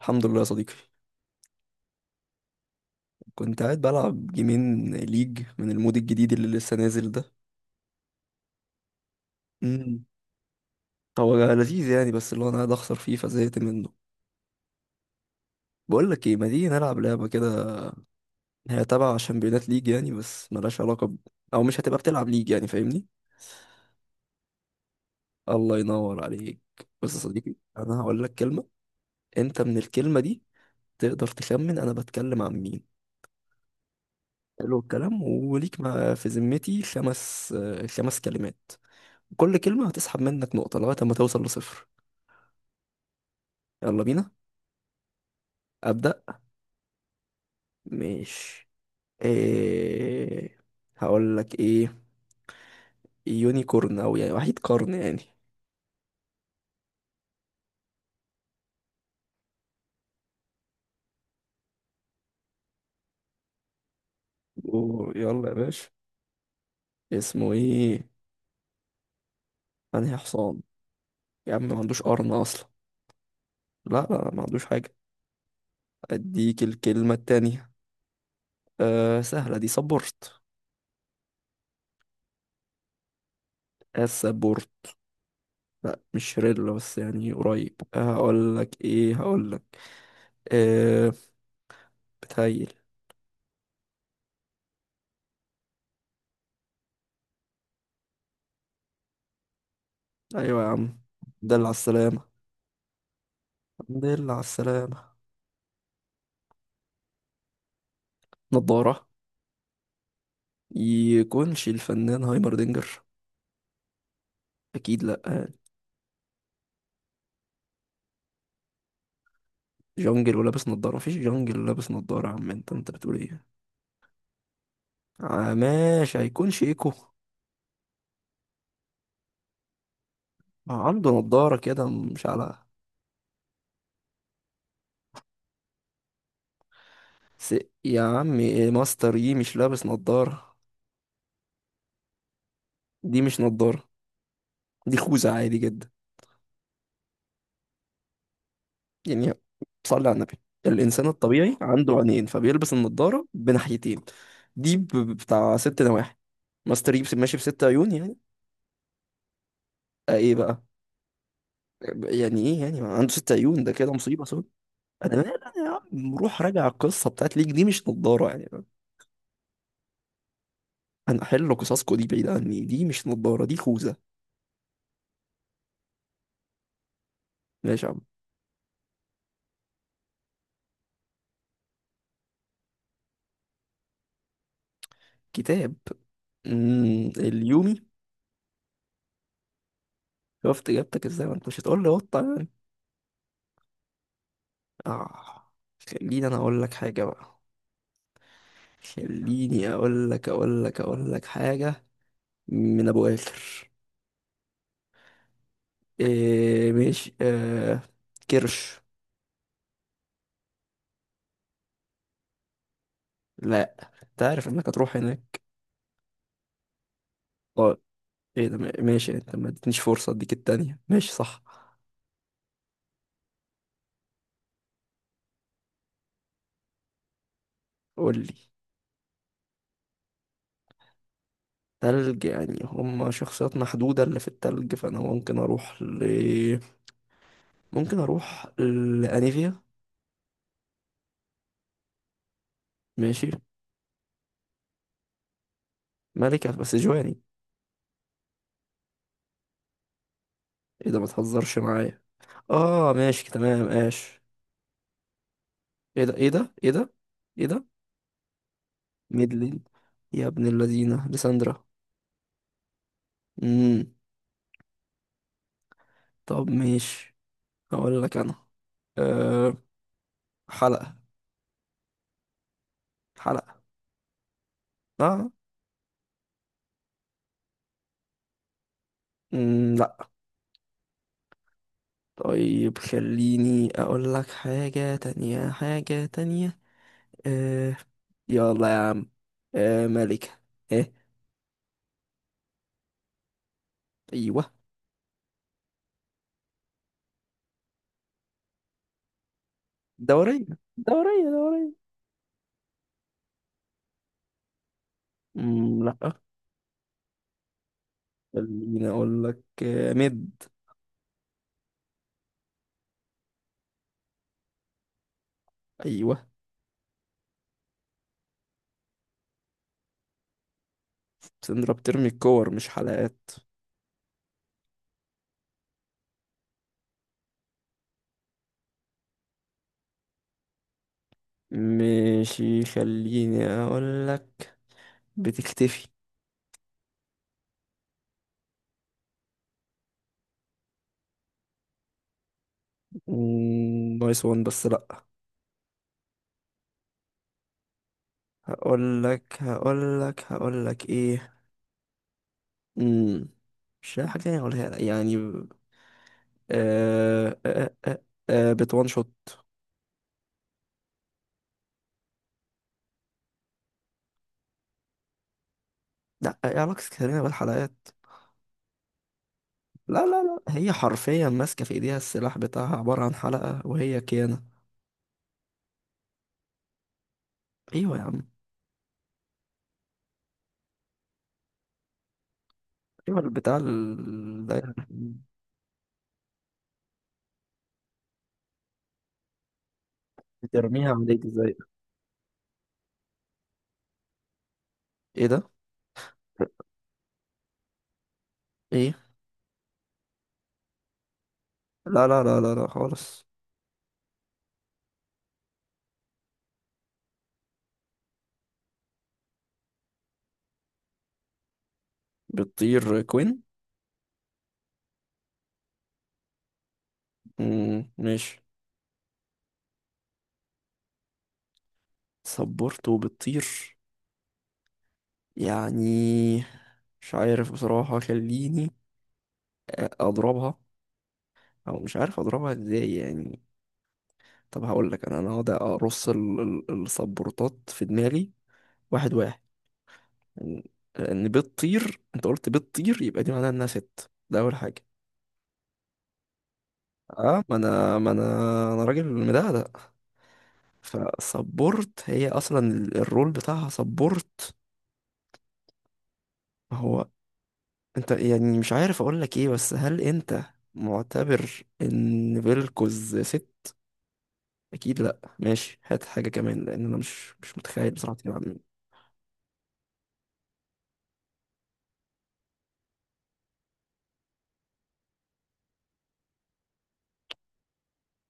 الحمد لله يا صديقي. كنت قاعد بلعب جيمين ليج من المود الجديد اللي لسه نازل ده. امم هو لذيذ يعني، بس اللي هو انا قاعد اخسر فيه فزهقت منه. بقول لك ايه، ما تيجي نلعب لعبه كده؟ هي تبع شامبيونات ليج يعني، بس ملهاش علاقه او مش هتبقى بتلعب ليج يعني، فاهمني؟ الله ينور عليك. بص يا صديقي، انا هقول لك كلمه. انت من الكلمه دي تقدر تخمن انا بتكلم عن مين. حلو الكلام، وليك ما في ذمتي خمس خمس كلمات. كل كلمة هتسحب منك نقطة لغاية ما توصل لصفر. يلا بينا. أبدأ. مش، إيه، هقول لك إيه. يونيكورن، أو يعني وحيد قرن يعني. ويلا يا باشا. اسمه إيه؟ أنهي حصان؟ يا عم ما عندوش قرن أصلا. لا لا، ما عندوش حاجة. أديك الكلمة التانية. أه، سهلة دي، سبورت. السبورت. لا مش شريلا، بس يعني قريب. هقول لك إيه، هقول لك أه بتهيل. أيوة يا عم. دل على السلامة. دل على السلامة. نضارة. يكونش الفنان هايمردينجر؟ أكيد لأ يعني. جونجل ولابس نضارة؟ مفيش جونجل لابس نضارة يا عم، انت بتقول ايه؟ آه ماشي، هيكونش ايكو؟ عنده نضارة كده مش على س... يا عم إيه، ماستر يي مش لابس نضارة؟ دي مش نضارة. دي خوذة عادي جدا يعني. صلي على النبي. الإنسان الطبيعي عنده عينين فبيلبس النضارة بناحيتين. دي بتاع ست نواحي. ماستر يي ماشي بست عيون يعني. ايه بقى. يعني ايه، يعني ما عنده ست عيون، ده كده مصيبه سود. انا مال انا يا عم، روح راجع القصه بتاعت ليك، دي مش نضاره يعني. انا احل قصصكو دي بعيد عني، دي مش نضاره، دي خوذه. ماشي يا عم. كتاب. مم، اليومي. شفت اجابتك ازاي، ما انت مش هتقول لي قطه يعني. اه. خليني انا اقول لك حاجه بقى. خليني اقول لك حاجه. من ابو اخر. إيه ماشي. كرش. لا انت عارف انك هتروح هناك. آه، ايه ده، ماشي، انت ما ادتنيش فرصة، اديك التانية، ماشي صح. قول لي. تلج يعني، هما شخصيات محدودة اللي في التلج، فانا ممكن اروح ل... ممكن اروح لانيفيا. ماشي. ملكة بس جواني. ايه ده، ما تهزرش معايا. اه ماشي تمام، اش. ايه ده، ايه ده، ايه ده. ايه ده. ميدلين. يا ابن الذين، لساندرا. امم طب ماشي. هقول لك انا. أه. حلقة. حلقة. اه. مم، لا. طيب خليني اقول لك حاجة تانية حاجة تانية. آه. يلا يا عم. آه ملكة. ايه. ايوه. دورية. دورية دورية. مم، لا. خليني اقول لك، مد. ايوه. سندرا بترمي الكور مش حلقات. ماشي، خليني اقول لك. بتختفي. مم، نايس وان بس لا. هقول لك ايه. مم. مش لاقي حاجة تانية اقولها لك يعني. آه آه آه بتوان شوت. لا، ايه علاقة كريمة بالحلقات. لا لا لا، هي حرفيا ماسكة في ايديها، السلاح بتاعها عبارة عن حلقة وهي كيانة. ايوه يا عم. ايوه البتاع ده. بترميها عليك ازاي. ايه ده. ايه. لا لا لا لا لا، خالص. بتطير كوين. مم، ماشي. صبرته بتطير يعني. مش عارف بصراحة، خليني أضربها، أو مش عارف أضربها إزاي يعني. طب هقول لك، انا هقعد ارص السبورتات في دماغي. واحد واحد. ان. إن بتطير، انت قلت بتطير، يبقى دي معناها انها ست، ده اول حاجه. اه، ما انا انا راجل مدقدق. فسبورت، هي اصلا الرول بتاعها سبورت. ما هو انت يعني مش عارف اقول لك ايه، بس هل انت معتبر ان فيلكوز ست؟ اكيد لا. ماشي، هات حاجه كمان، لان انا مش متخيل بصراحه تلعب مين.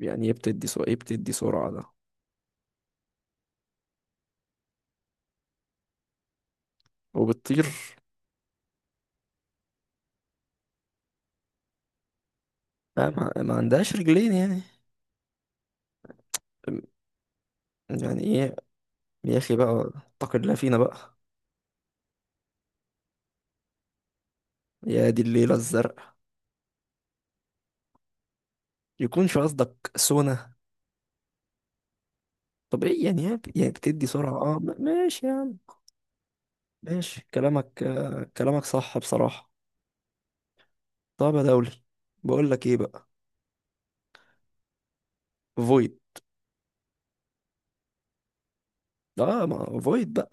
يعني ايه بتدي سرعه، ايه بتدي سرعه ده. وبتطير. لا ما عندهاش رجلين يعني. يعني ايه؟ يا اخي بقى. اتقد الله فينا بقى. يا دي الليلة الزرق. يكونش قصدك سونا؟ طبيعي يعني، هي يعني بتدي سرعة، اه ماشي يا عم. ماشي كلامك صح بصراحة. طب يا دولي. بقول لك ايه بقى. فويد. اه، ما فويد بقى.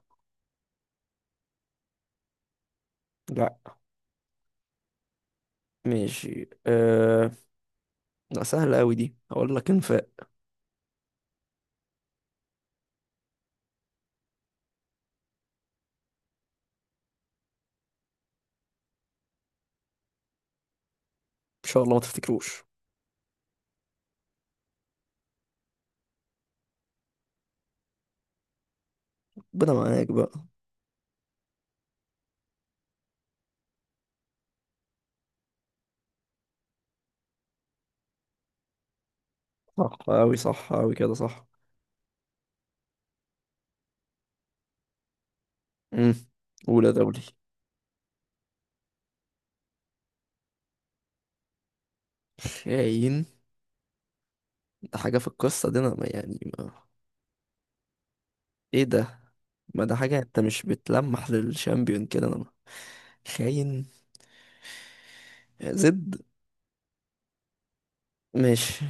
لا. ماشي لا سهلة قوي دي، هقول لك انفاق. ان شاء الله ما تفتكروش. ربنا معاك بقى. صح قوي صح قوي كده صح. امم قول يا دولي. شاين. ده حاجة في القصة دي، انا ما يعني ما. ايه ده، ما ده حاجة، انت مش بتلمح للشامبيون كده انا. خاين. زد. ماشي.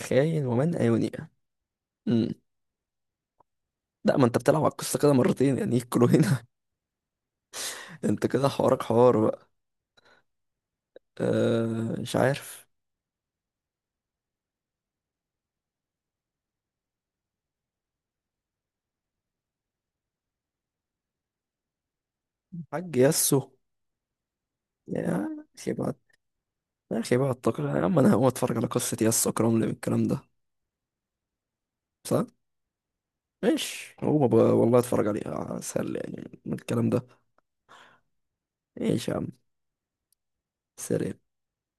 خاين ومن ايونيا. امم لا، ما انت بتلعب على القصة كده مرتين يعني، يكلوا هنا. انت كده حوارك حوار بقى. أه مش عارف. حاج ياسو. يا اخي بقى، يا اخي بقى التقرير يا عم، انا هقوم اتفرج على قصة ياسو اكرم لي من الكلام ده. صح؟ ماشي، هو بقى والله اتفرج عليها اسهل يعني من الكلام ده. ايش يا عم. سريع.